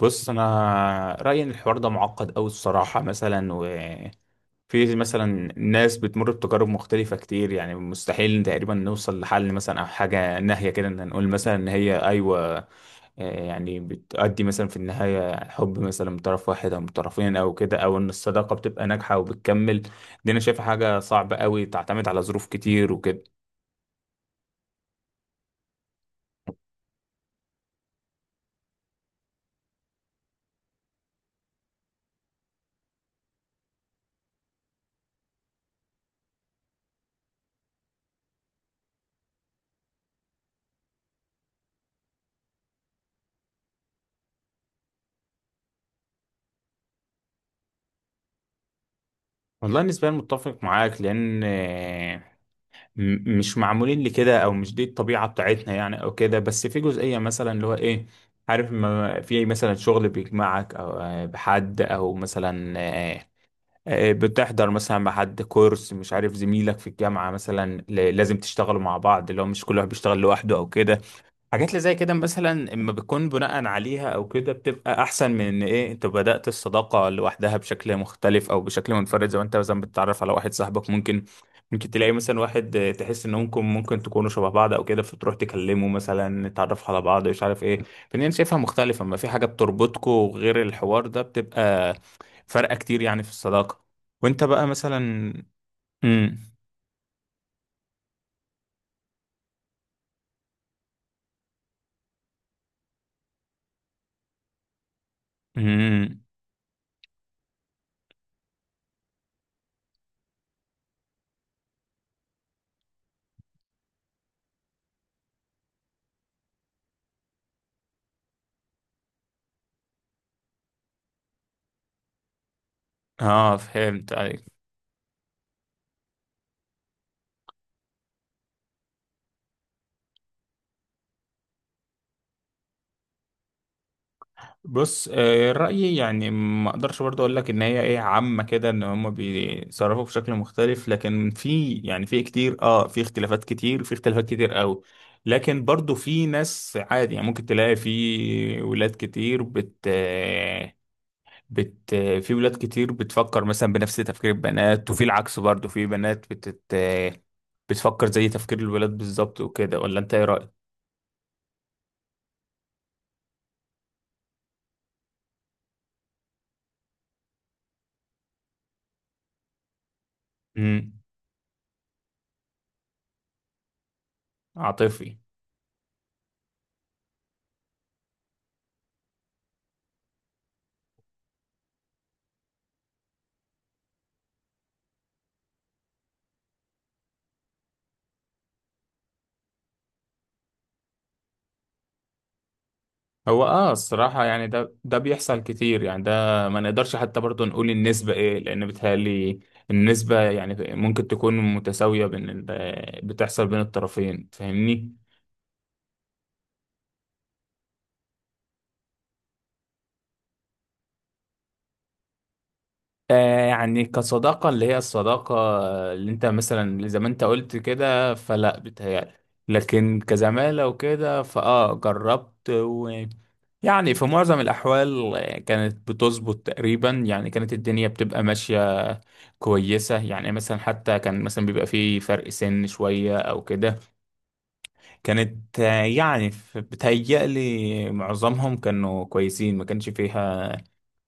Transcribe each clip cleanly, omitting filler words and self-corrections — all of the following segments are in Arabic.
بص انا رايي ان الحوار ده معقد قوي الصراحه مثلا وفي مثلا ناس بتمر بتجارب مختلفه كتير يعني مستحيل تقريبا نوصل لحل مثلا او حاجه ناهيه كده ان نقول مثلا ان هي ايوه، يعني بتؤدي مثلا في النهايه حب مثلا من طرف واحد او من طرفين او كده او ان الصداقه بتبقى ناجحه وبتكمل. دي انا شايفها حاجه صعبه قوي تعتمد على ظروف كتير وكده. والله نسبيا متفق معاك لان مش معمولين لكده او مش دي الطبيعه بتاعتنا يعني او كده، بس في جزئيه مثلا اللي هو ايه عارف ما في مثلا شغل بيجمعك او بحد او مثلا بتحضر مثلا مع حد كورس، مش عارف زميلك في الجامعه مثلا لازم تشتغلوا مع بعض اللي هو مش كل واحد بيشتغل لوحده او كده. حاجات اللي زي كده مثلا اما بتكون بناء عليها او كده بتبقى احسن من ان ايه انت بدأت الصداقة لوحدها بشكل مختلف او بشكل منفرد، زي ما انت مثلا بتتعرف على واحد صاحبك، ممكن تلاقي مثلا واحد تحس انهم ممكن تكونوا شبه بعض او كده فتروح تكلمه مثلا تتعرف على بعض مش عارف ايه. فان انا شايفها مختلفة، اما في حاجة بتربطكوا غير الحوار ده بتبقى فرقة كتير يعني في الصداقة. وانت بقى مثلا؟ امم. امم. اه فهمت، أيوه. بص، رأيي يعني ما اقدرش برضه اقول لك ان هي ايه عامة كده ان هم بيتصرفوا بشكل مختلف، لكن في يعني في كتير اه في اختلافات كتير، في اختلافات كتير قوي. لكن برضه في ناس عادي يعني، ممكن تلاقي في ولاد كتير بت آه، بت آه، في ولاد كتير بتفكر مثلا بنفس تفكير البنات، وفي العكس برضه في بنات بتت آه، بتفكر زي تفكير الولاد بالظبط وكده. ولا انت ايه رأيك؟ امم. عاطفي. هو اه الصراحة يعني ده بيحصل كتير يعني. ده ما نقدرش حتى برضه نقول النسبة ايه، لأن بيتهيألي النسبة يعني ممكن تكون متساوية بين بتحصل بين الطرفين، فاهمني؟ آه يعني كصداقة اللي هي الصداقة اللي انت مثلا زي ما انت قلت كده، فلا بيتهيألي. لكن كزمالة وكده فاه جربت، ويعني في معظم الأحوال كانت بتظبط تقريبا يعني، كانت الدنيا بتبقى ماشية كويسة يعني. مثلا حتى كان مثلا بيبقى فيه فرق سن شوية أو كده، كانت يعني بتهيألي معظمهم كانوا كويسين، ما كانش فيها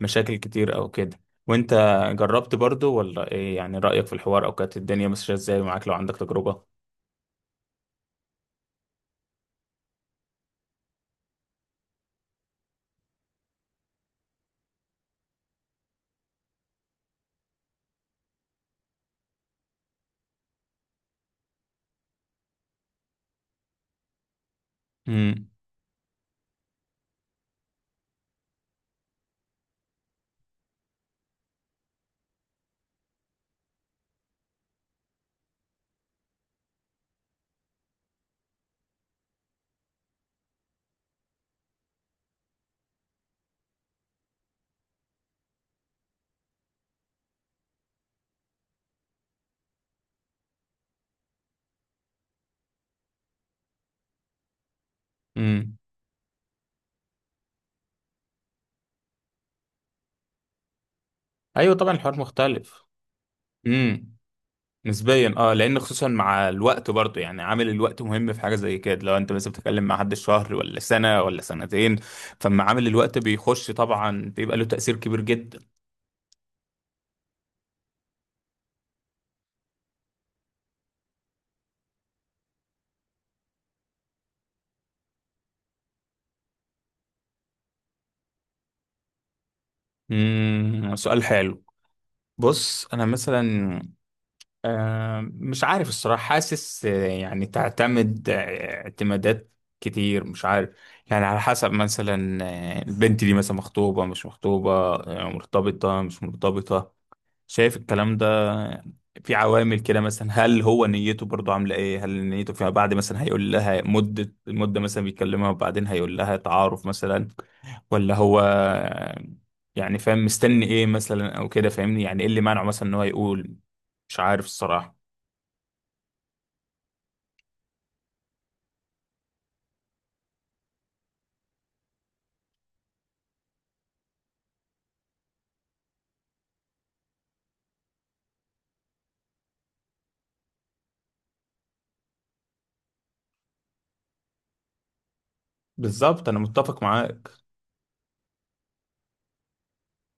مشاكل كتير أو كده. وأنت جربت برضو ولا إيه يعني رأيك في الحوار، أو كانت الدنيا ماشية إزاي معاك لو عندك تجربة؟ امم. امم. أيوة طبعا الحوار مختلف. نسبيا اه، لان خصوصا مع الوقت برضه يعني عامل الوقت مهم في حاجه زي كده، لو انت مثلا بتتكلم مع حد شهر ولا سنه ولا سنتين فما عامل الوقت بيخش طبعا بيبقى له تاثير كبير جدا. سؤال حلو. بص انا مثلا آه مش عارف الصراحه، حاسس يعني تعتمد اعتمادات كتير، مش عارف يعني. على حسب مثلا البنت دي مثلا مخطوبه مش مخطوبه، مرتبطه مش مرتبطه، شايف الكلام ده. في عوامل كده مثلا، هل هو نيته برضو عاملة ايه، هل نيته فيما بعد مثلا هيقول لها مدة المدة مثلا بيكلمها وبعدين هيقول لها تعارف مثلا، ولا هو يعني فاهم مستني ايه مثلا او كده. فاهمني يعني ايه اللي مانعه مثلا ان هو يقول. مش عارف الصراحة. بالظبط انا متفق معاك،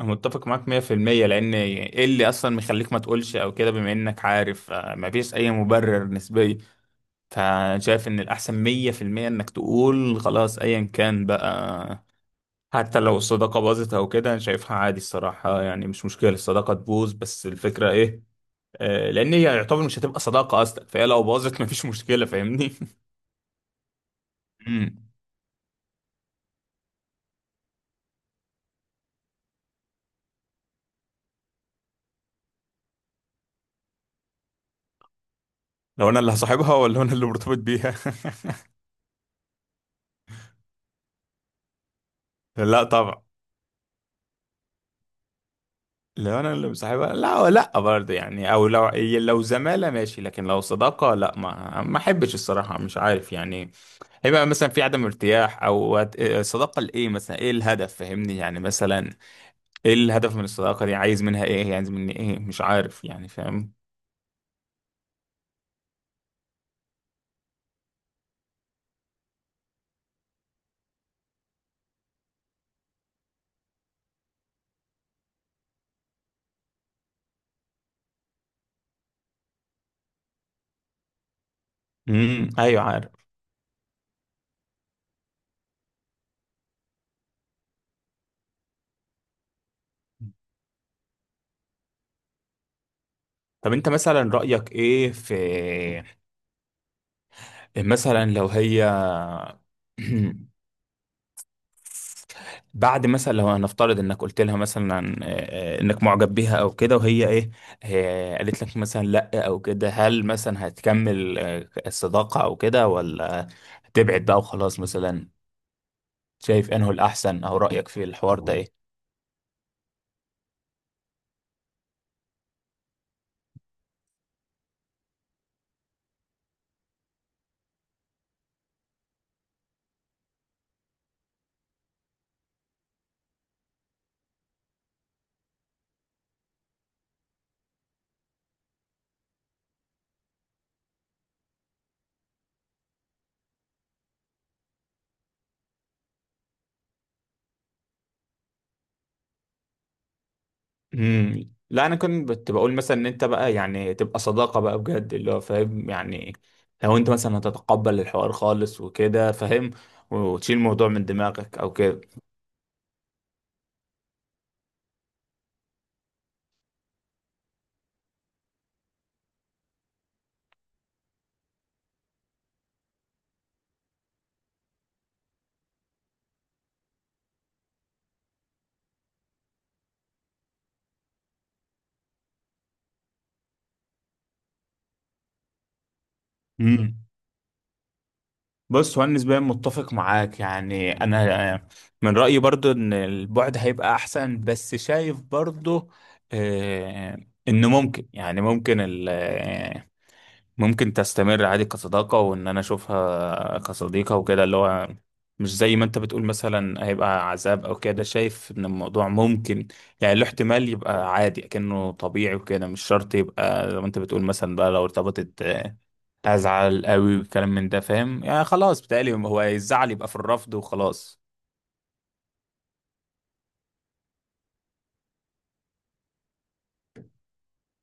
انا متفق معاك 100%. لان ايه اللي اصلا مخليك ما تقولش او كده بما انك عارف، مفيش اي مبرر نسبي. فانا شايف ان الاحسن 100% انك تقول خلاص ايا كان بقى. حتى لو الصداقة باظت او كده انا شايفها عادي الصراحة، يعني مش مشكلة الصداقة تبوظ، بس الفكرة ايه، لان هي يعتبر مش هتبقى صداقة اصلا، فهي لو باظت مفيش مشكلة، فاهمني. مم. لو انا اللي هصاحبها ولا انا اللي مرتبط بيها؟ لا طبعا، لو انا اللي مصاحبها لا لا برضه يعني. او لو لو زمالة ماشي، لكن لو صداقة لا، ما احبش الصراحة مش عارف يعني. هيبقى مثلا في عدم ارتياح، او الصداقه لايه مثلا، ايه الهدف، فاهمني يعني. مثلا ايه الهدف من الصداقه دي، عايز منها ايه يعني، عايز مني ايه، مش عارف يعني، فاهم. ايوه عارف. طب انت مثلا رايك ايه في مثلا لو هي بعد مثلا، لو هنفترض انك قلت لها مثلا انك معجب بيها او كده، وهي ايه قالت لك مثلا لا او كده، هل مثلا هتكمل الصداقه او كده، ولا تبعد بقى وخلاص مثلا؟ شايف انه الاحسن، او رايك في الحوار ده ايه؟ لا انا كنت بقول مثلا ان انت بقى يعني تبقى صداقه بقى بجد اللي هو فاهم يعني، لو انت مثلا هتتقبل الحوار خالص وكده فاهم، وتشيل الموضوع من دماغك او كده. امم. بص هو انا نسبيا متفق معاك يعني، انا من رايي برضو ان البعد هيبقى احسن، بس شايف برضو آه، ان ممكن يعني ممكن تستمر عادي كصداقة، وإن أنا أشوفها كصديقة وكده اللي هو مش زي ما أنت بتقول مثلا هيبقى عذاب أو كده. شايف إن الموضوع ممكن يعني له احتمال يبقى عادي أكنه طبيعي وكده، مش شرط يبقى زي ما أنت بتقول مثلا بقى لو ارتبطت هزعل قوي والكلام من ده، فاهم يعني. خلاص بتهيألي هو الزعل يبقى في الرفض وخلاص.